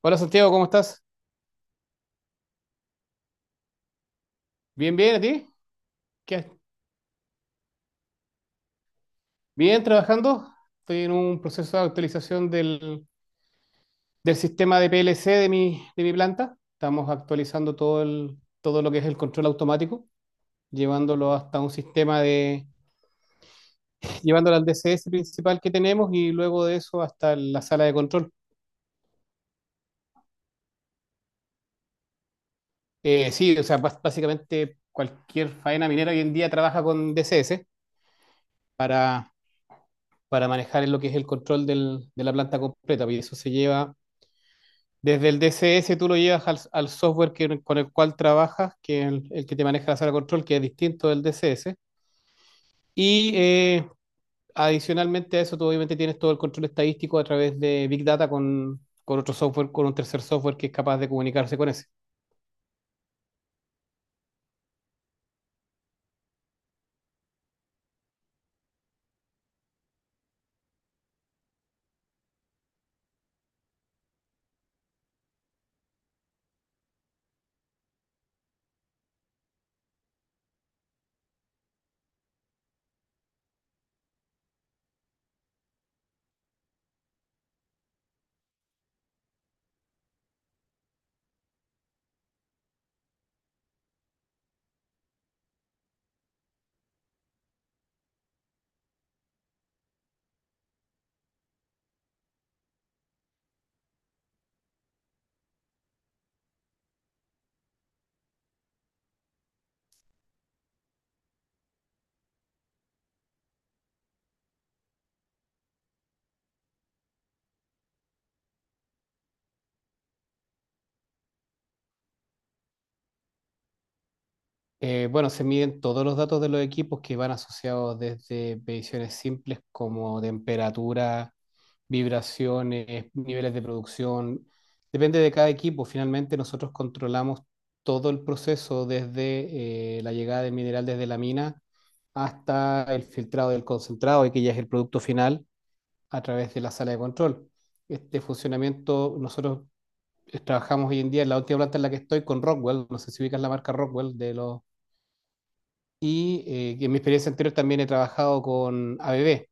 Hola Santiago, ¿cómo estás? Bien, bien, ¿a ti? ¿Qué hay? Bien, trabajando. Estoy en un proceso de actualización del sistema de PLC de mi planta. Estamos actualizando todo lo que es el control automático, llevándolo hasta un sistema de, llevándolo al DCS principal que tenemos y luego de eso hasta la sala de control. Sí, o sea, básicamente cualquier faena minera hoy en día trabaja con DCS para, para manejar lo que es el control de la planta completa, y eso se lleva. Desde el DCS tú lo llevas al software con el cual trabajas, que es el que te maneja la sala de control, que es distinto del DCS. Y eh, Adicionalmente a eso, tú obviamente tienes todo el control estadístico a través de Big Data con otro software, con un tercer software que es capaz de comunicarse con ese. Bueno, se miden todos los datos de los equipos que van asociados desde mediciones simples como temperatura, vibraciones, niveles de producción. Depende de cada equipo. Finalmente, nosotros controlamos todo el proceso desde la llegada del mineral desde la mina hasta el filtrado del concentrado, y que ya es el producto final a través de la sala de control. Este funcionamiento, nosotros trabajamos hoy en día en la última planta en la que estoy con Rockwell. No sé si ubicas la marca Rockwell de los. Que en mi experiencia anterior también he trabajado con ABB.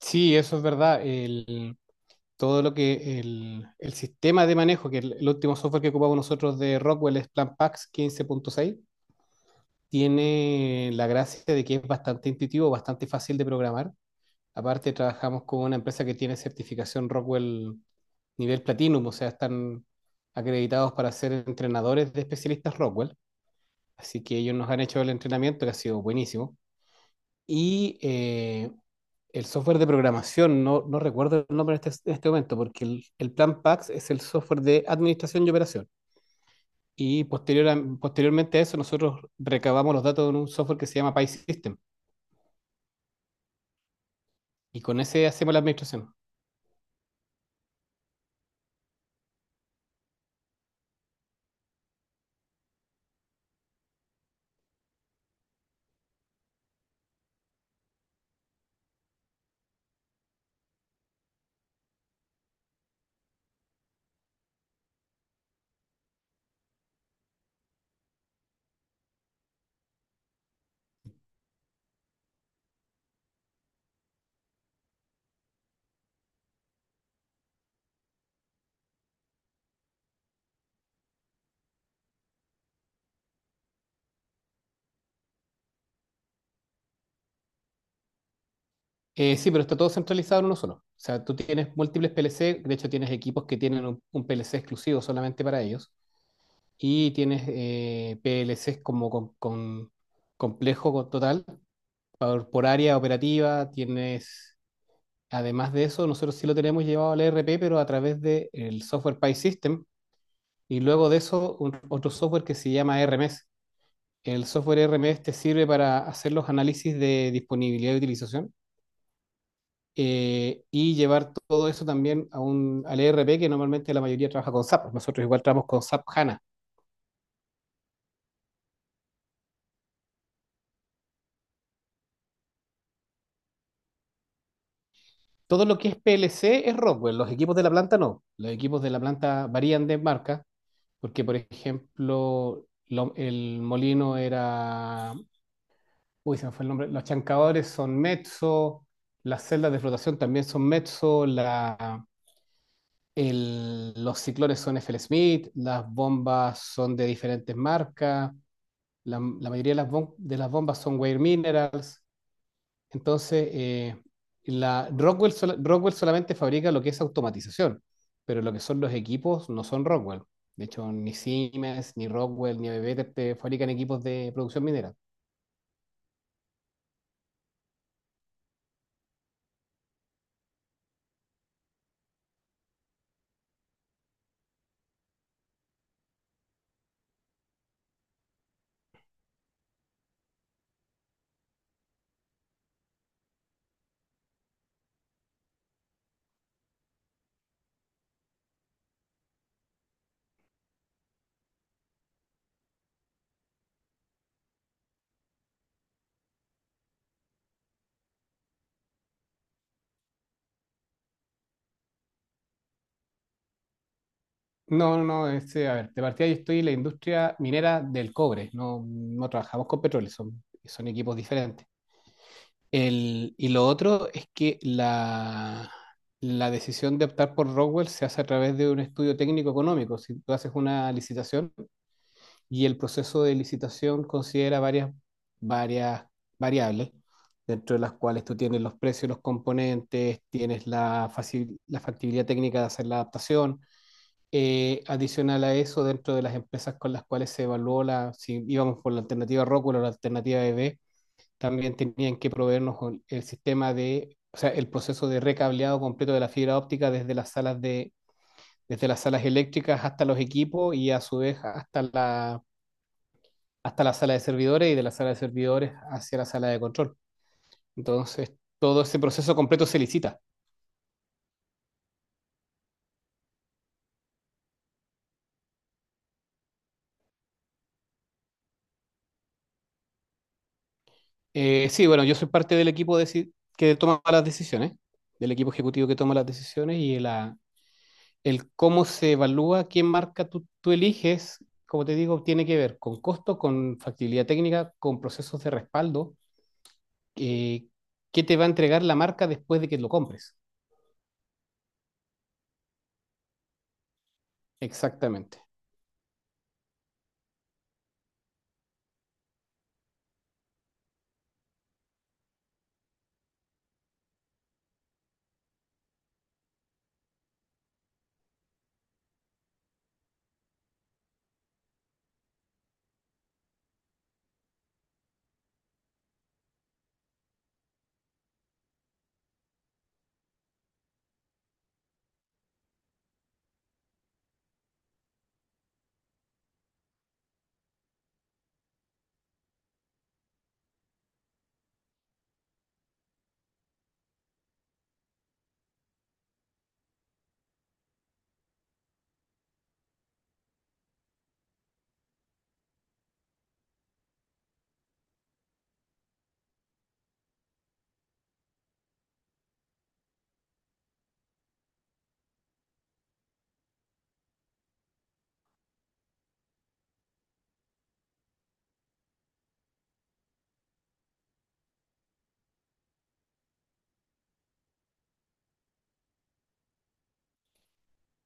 Sí, eso es verdad. Todo lo que el sistema de manejo, que el último software que ocupamos nosotros de Rockwell es PlanPax 15.6, tiene la gracia de que es bastante intuitivo, bastante fácil de programar. Aparte, trabajamos con una empresa que tiene certificación Rockwell nivel Platinum, o sea, están acreditados para ser entrenadores de especialistas Rockwell. Así que ellos nos han hecho el entrenamiento, que ha sido buenísimo. y eh, el software de programación, no recuerdo el nombre en este momento, porque el plan PAX es el software de administración y operación. Y posteriormente a eso, nosotros recabamos los datos en un software que se llama PySystem. Y con ese hacemos la administración. Sí, pero está todo centralizado en uno solo. O sea, tú tienes múltiples PLC, de hecho tienes equipos que tienen un PLC exclusivo solamente para ellos. Y tienes PLCs como con complejo total. Por área operativa tienes, además de eso, nosotros sí lo tenemos llevado al ERP, pero a través del software Pi System y luego de eso otro software que se llama RMS. El software RMS te sirve para hacer los análisis de disponibilidad y utilización, y llevar todo eso también a al ERP que normalmente la mayoría trabaja con SAP. Nosotros igual trabajamos con SAP HANA. Todo lo que es PLC es Rockwell, los equipos de la planta no. Los equipos de la planta varían de marca. Porque, por ejemplo, el molino era, uy, se me fue el nombre, los chancadores son mezzo, las celdas de flotación también son mezzo, la, los ciclones son FL Smith, las bombas son de diferentes marcas, la mayoría de de las bombas son Weir Minerals, entonces, la, Rockwell, Rockwell solamente fabrica lo que es automatización, pero lo que son los equipos no son Rockwell. De hecho, ni Siemens, ni Rockwell, ni ABB te fabrican equipos de producción minera. No, no, no, este, a ver, de partida yo estoy en la industria minera del cobre, no, no trabajamos con petróleo, son, son equipos diferentes. Y lo otro es que la decisión de optar por Rockwell se hace a través de un estudio técnico económico. Si tú haces una licitación, y el proceso de licitación considera varias variables, dentro de las cuales tú tienes los precios los componentes, tienes la, la factibilidad técnica de hacer la adaptación. Adicional a eso, dentro de las empresas con las cuales se evaluó la, si íbamos por la alternativa Rockwell o la alternativa EB también tenían que proveernos con el sistema de, o sea, el proceso de recableado completo de la fibra óptica desde las salas de, desde las salas eléctricas hasta los equipos y a su vez hasta la sala de servidores y de la sala de servidores hacia la sala de control. Entonces, todo ese proceso completo se licita. Sí, bueno, yo soy parte que toma las decisiones, del equipo ejecutivo que toma las decisiones y la, el cómo se evalúa, qué marca tú eliges, como te digo, tiene que ver con costo, con factibilidad técnica, con procesos de respaldo, eh, qué te va a entregar la marca después de que lo compres. Exactamente.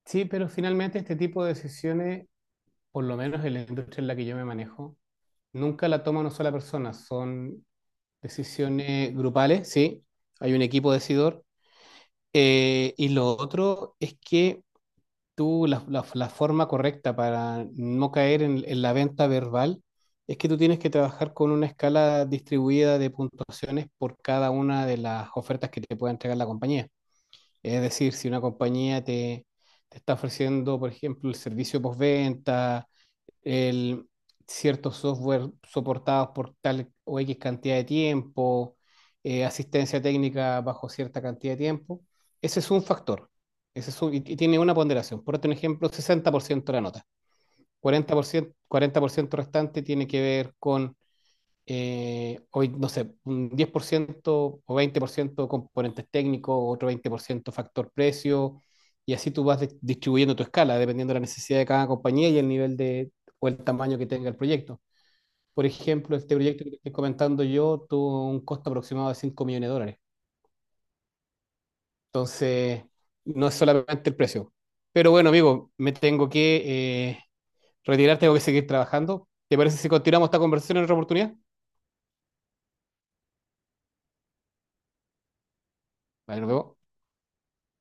Sí, pero finalmente este tipo de decisiones por lo menos en la industria en la que yo me manejo, nunca la toma una sola persona, son decisiones grupales, sí, hay un equipo decidor. Y lo otro es que la forma correcta para no caer en la venta verbal es que tú tienes que trabajar con una escala distribuida de puntuaciones por cada una de las ofertas que te pueda entregar la compañía. Es decir, si una compañía te está ofreciendo, por ejemplo, el servicio postventa, el, ciertos software soportados por tal o X cantidad de tiempo, asistencia técnica bajo cierta cantidad de tiempo. Ese es un factor. Y, y tiene una ponderación. Por otro ejemplo, 60% de la nota. Cuarenta por ciento 40% restante tiene que ver con hoy, no sé, un 10% o 20% componentes técnicos, otro 20% factor precio, y así tú vas distribuyendo tu escala, dependiendo de la necesidad de cada compañía y el nivel de, o el tamaño que tenga el proyecto. Por ejemplo, este proyecto que te estoy comentando yo tuvo un costo aproximado de $5 millones. Entonces, no es solamente el precio. Pero bueno, amigo, me tengo que retirar, tengo que seguir trabajando. ¿Te parece si continuamos esta conversación en otra oportunidad? Vale, nos vemos.